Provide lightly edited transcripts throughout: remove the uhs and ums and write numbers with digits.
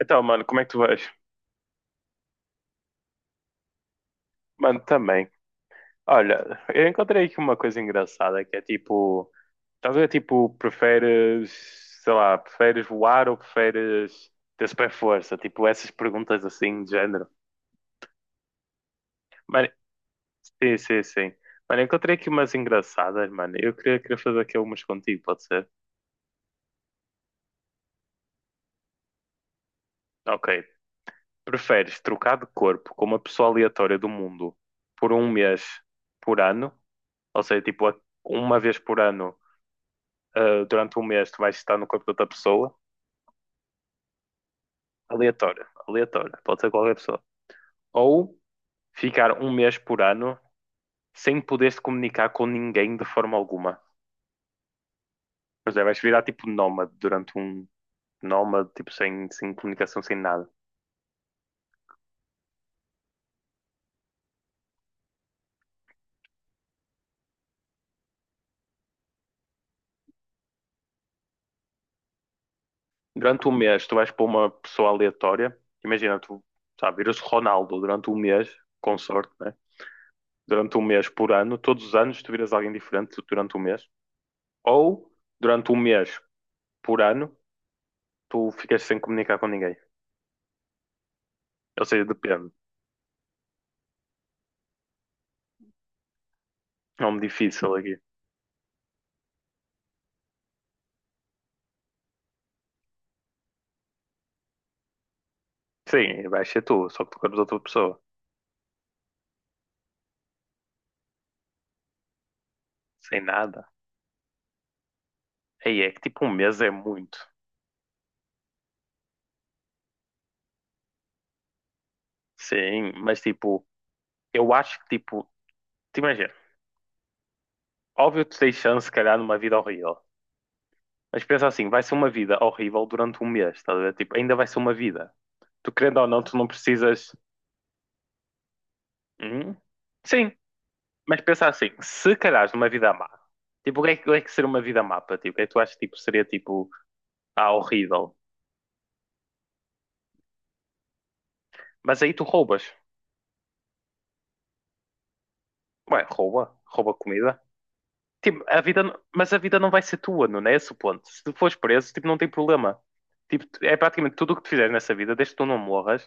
Então, mano, como é que tu vais? Mano, também. Olha, eu encontrei aqui uma coisa engraçada que é tipo, estás a ver, tipo, preferes, sei lá, preferes voar ou preferes ter super força? Tipo, essas perguntas assim de género. Mano, sim, sim, sim. Mano, eu encontrei aqui umas engraçadas, mano. Eu queria fazer aqui umas contigo, pode ser? Ok. Preferes trocar de corpo com uma pessoa aleatória do mundo por um mês por ano? Ou seja, tipo, uma vez por ano durante um mês tu vais estar no corpo de outra pessoa, aleatória, aleatória, pode ser qualquer pessoa. Ou ficar um mês por ano sem poderes comunicar com ninguém de forma alguma. Pois é, vais virar tipo nómade durante um nómade, tipo sem comunicação, sem nada. Durante um mês tu vais pôr uma pessoa aleatória, imagina tu, sabe, viras Ronaldo durante um mês, com sorte, né? Durante um mês por ano, todos os anos tu viras alguém diferente durante um mês. Ou durante um mês por ano tu ficas sem comunicar com ninguém. Ou seja, depende. É um difícil aqui. Sim, vai ser tu, só que tu queres outra pessoa. Sem nada. Aí é que tipo um mês é muito. Sim, mas tipo, eu acho que tipo, te imagina, óbvio que tu tens chance, se calhar, numa vida horrível. Mas pensa assim, vai ser uma vida horrível durante um mês, estás a ver? Tipo, ainda vai ser uma vida. Tu querendo ou não, tu não precisas. Hum? Sim, mas pensa assim, se calhar numa vida má, tipo, o que é que seria uma vida má para ti? O que é que tu achas que tipo, seria tipo, horrível? Mas aí tu roubas. Ué, rouba comida. Tipo, mas a vida não vai ser tua, não é esse o ponto. Se tu fores preso, tipo, não tem problema. Tipo, é praticamente tudo o que tu fizeres nessa vida, desde que tu não morras,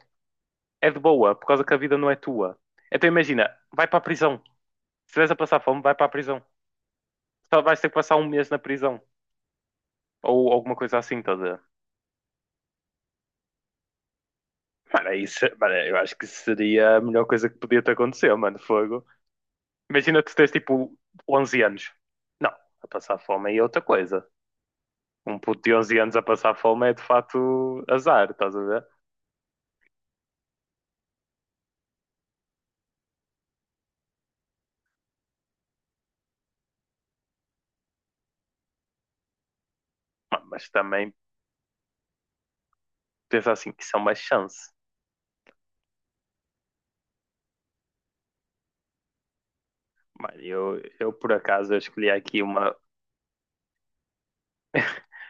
é de boa, por causa que a vida não é tua. Então imagina, vai para a prisão. Se estiveres a passar fome, vai para a prisão. Só vais ter que passar um mês na prisão. Ou alguma coisa assim, toda. Mano, é isso, mano, eu acho que seria a melhor coisa que podia te acontecer, mano, fogo. Imagina tu tens tipo 11 anos. Não, a passar fome aí é outra coisa. Um puto de 11 anos a passar fome é de facto azar, estás a ver? Mas também pensa assim, isso é uma chance. Mano, eu por acaso eu escolhi aqui uma.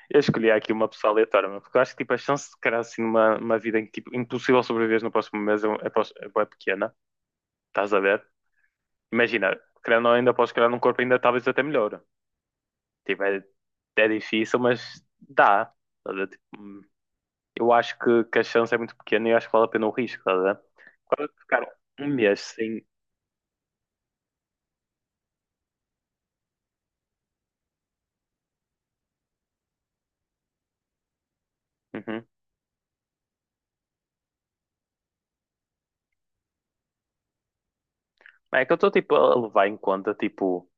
Eu escolhi aqui uma pessoa aleatória, mano, porque eu acho que tipo, a chance de criar assim uma vida em que tipo, impossível sobreviver no próximo mês é pequena, estás a ver? Imagina, criando ainda podes criar um corpo ainda talvez até melhor. Tipo, é difícil, mas dá. Estás a ver? Tipo, eu acho que a chance é muito pequena e eu acho que vale a pena o risco, estás a ver? Quando eu ficar um mês sem, uhum. É que eu estou tipo a levar em conta tipo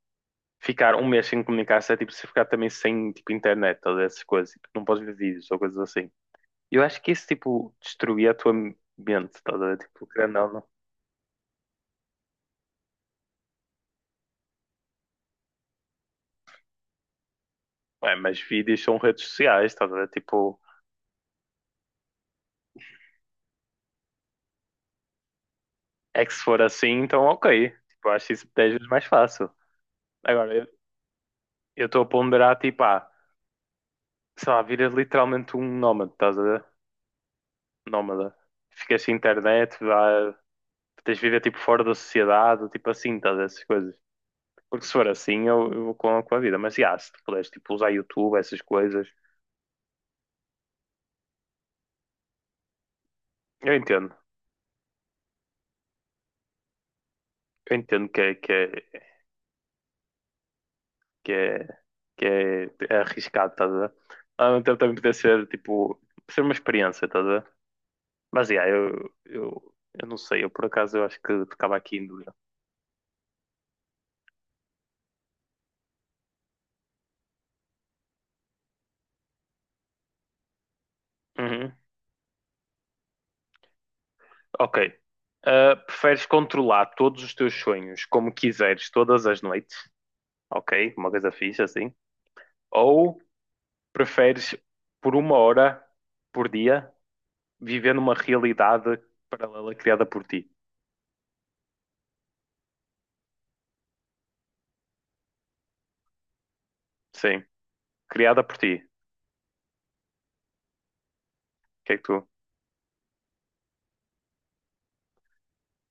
ficar um mês sem comunicar-se é tipo se ficar também sem tipo internet, todas essas coisas, tipo, não podes ver vídeos ou coisas assim. Eu acho que isso tipo destruía a tua mente, estás a ver? Tipo, querendo ou não. Ué, mas vídeos são redes sociais, estás a ver? Tipo, é que se for assim, então ok. Tipo, eu acho isso 10 vezes mais fácil. Agora, eu estou a ponderar tipo, sei lá, viras literalmente um nómada, estás a ver? Nómada. Ficas sem internet, vá, tens de viver tipo fora da sociedade, tipo assim, estás a ver? Essas coisas. Porque se for assim, eu vou com a vida. Mas já, se tu puderes tipo, usar YouTube, essas coisas, eu entendo. Eu entendo que é, que é arriscado, estás a ver? Mas ao mesmo tempo também poder ser, tipo, ser uma experiência, estás a ver? Mas já, eu não sei. Eu por acaso eu acho que ficava aqui em dúvida. Uhum. Ok. Preferes controlar todos os teus sonhos como quiseres todas as noites? Ok, uma coisa fixe assim. Ou preferes por uma hora por dia viver numa realidade paralela criada por ti. Sim, criada por ti. O que é que tu.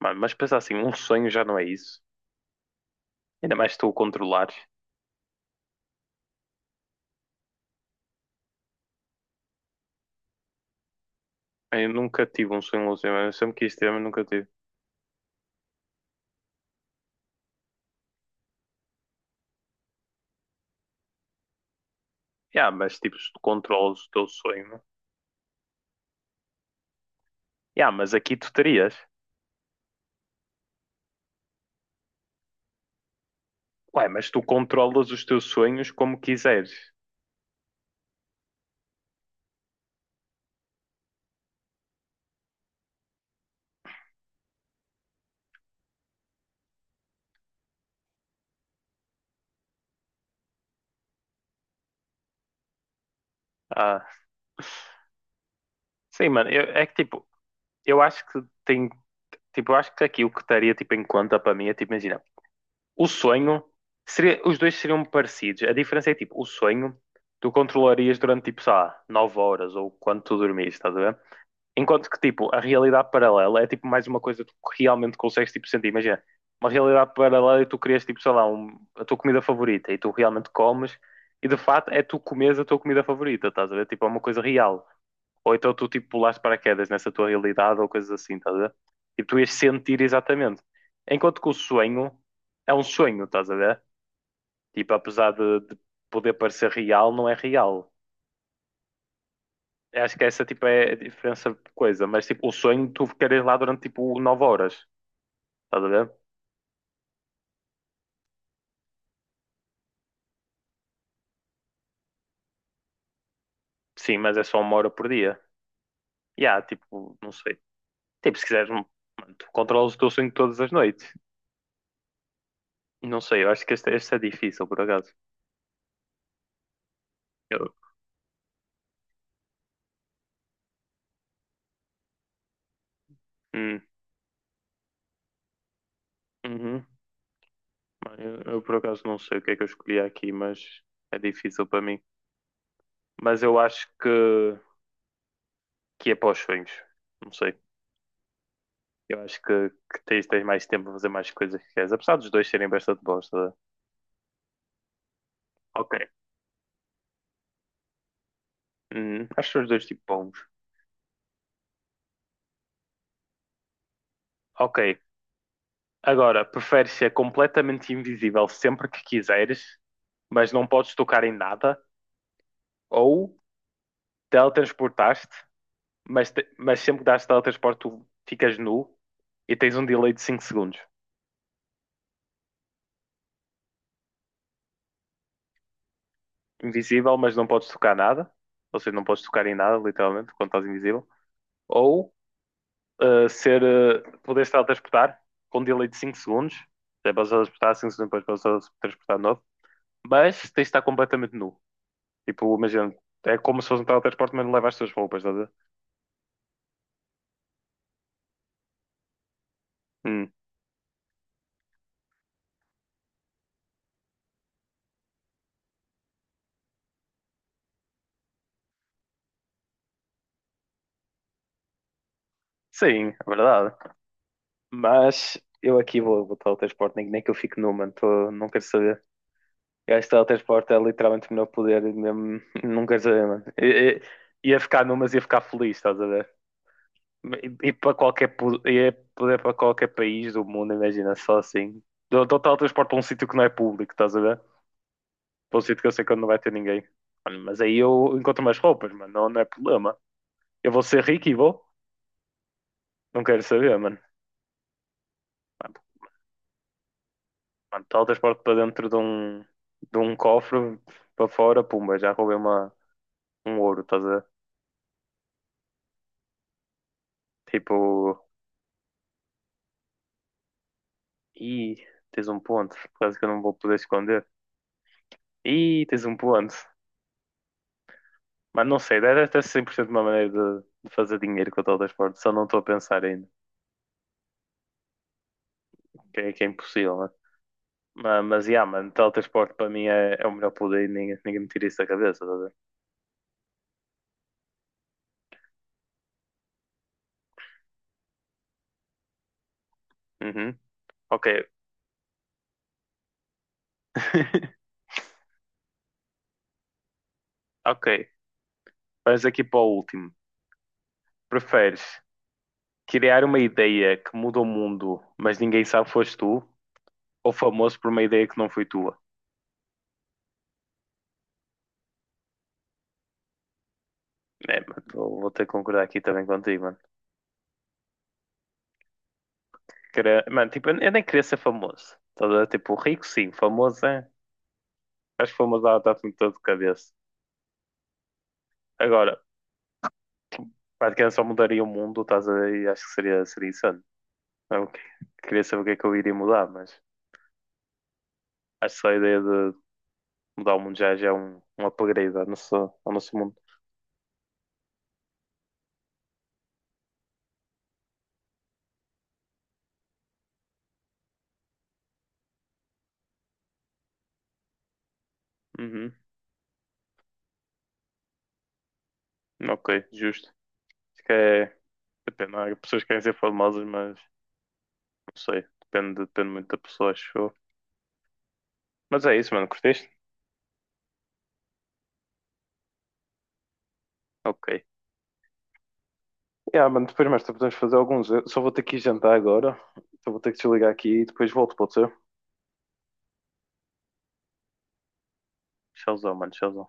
Mano, mas pensa assim, um sonho já não é isso. Ainda mais se tu o controlares. Eu nunca tive um sonho lúcido, mas eu sempre quis ter, mas nunca tive. Yeah, mas tipo, se tu controlas o teu sonho. Né? Yeah, mas aqui tu terias. Ué, mas tu controlas os teus sonhos como quiseres. Ah, sim, mano, é que tipo, eu acho que tem. Tipo, eu acho que aqui o que estaria tipo, em conta para mim é tipo, imagina, o sonho seria, os dois seriam parecidos. A diferença é tipo, o sonho tu controlarias durante tipo, sei lá, 9 horas ou quando tu dormires, estás a ver? Enquanto que tipo, a realidade paralela é tipo mais uma coisa que tu realmente consegues tipo sentir. Imagina, uma realidade paralela e tu crias tipo, sei lá, a tua comida favorita e tu realmente comes e de fato é tu comes a tua comida favorita, estás a ver? Tipo, é uma coisa real. Ou então tu tipo pulaste paraquedas nessa tua realidade ou coisas assim, estás a ver? E tu ias sentir exatamente. Enquanto que o sonho é um sonho, estás a ver? Tipo, apesar de poder parecer real, não é real. Eu acho que essa tipo é a diferença de coisa, mas tipo, o sonho tu ficares lá durante tipo 9 horas, estás a ver? Sim, mas é só uma hora por dia. E há, tipo, não sei. Tipo, se quiseres, mano, tu controlas o teu sonho todas as noites. Não sei, eu acho que este é difícil, por acaso. Eu, hum, uhum. Mano, eu por acaso não sei o que é que eu escolhi aqui, mas é difícil para mim. Mas eu acho que é para os sonhos. Não sei. Eu acho que tens, tens mais tempo para fazer mais coisas que queres. Apesar dos dois serem bastante bons. Tá? Ok. Acho que são os dois tipo bons. Ok. Agora, preferes ser completamente invisível sempre que quiseres, mas não podes tocar em nada? Ou teletransportaste, mas sempre que dás teletransporte tu ficas nu e tens um delay de 5 segundos? Invisível, mas não podes tocar nada. Ou seja, não podes tocar em nada, literalmente, quando estás invisível. Ou ser, poderes teletransportar com um delay de 5 segundos. Já podes teletransportar 5 segundos, depois podes teletransportar de novo. Mas tens de estar completamente nu. Tipo, imagina, é como se fosse um teletransporte, mas não leva as tuas roupas, estás a ver? Hum. Sim, é verdade. Mas eu aqui vou botar o teletransporte, nem que eu fique nu, mano. Não quero saber. Eu acho que teletransporte é literalmente o meu poder, mesmo, não quero saber, mano. Ia ficar numas, ia ficar feliz, estás a ver? E para ia poder para qualquer país do mundo, imagina, só assim. Dou teletransporte para um sítio que não é público, estás a ver? Para um sítio que eu sei que não vai ter ninguém. Mano, mas aí eu encontro mais roupas, mano, não é problema. Eu vou ser rico e vou, não quero saber, mano. Mano, mano, teletransporte para dentro de um cofre, para fora, pumba, já roubei uma, um ouro, estás a ver? Tipo. Ih, tens um ponto. Quase que eu não vou poder esconder. Ih, tens um ponto. Mas não sei, deve ter 100% uma maneira de fazer dinheiro com o teletransporte. Só não estou a pensar ainda. Que é impossível, né? Mas yeah, mano, teletransporte para mim é o melhor poder e ninguém, ninguém me tira isso da cabeça, tá a ver? Uhum. Ok. Ok. Vamos aqui para o último. Preferes criar uma ideia que muda o mundo, mas ninguém sabe que foste tu, ou famoso por uma ideia que não foi tua? É, mano, vou ter que concordar aqui também contigo, querer. Mano, tipo, eu nem queria ser famoso. Tá a ver? Tipo, rico sim, famoso é. Acho que famoso dá dá-te um todo de cabeça. Agora, praticamente só mudaria o mundo, estás a ver? E acho que seria, seria insano. Não, queria saber o que é que eu iria mudar, mas acho que só a ideia de mudar o mundo já, já é um, um upgrade ao nosso mundo. Uhum. Ok, justo. Acho que é. Depende, há pessoas que querem ser famosas, mas não sei. Depende, depende muito da pessoa, acho eu. Mas é isso, mano. Curtiste? Ok. Yeah, mano, depois mais tarde podemos fazer alguns. Eu só vou ter que ir jantar agora. Só vou ter que desligar aqui e depois volto, pode ser? Tchauzão, mano, tchauzão.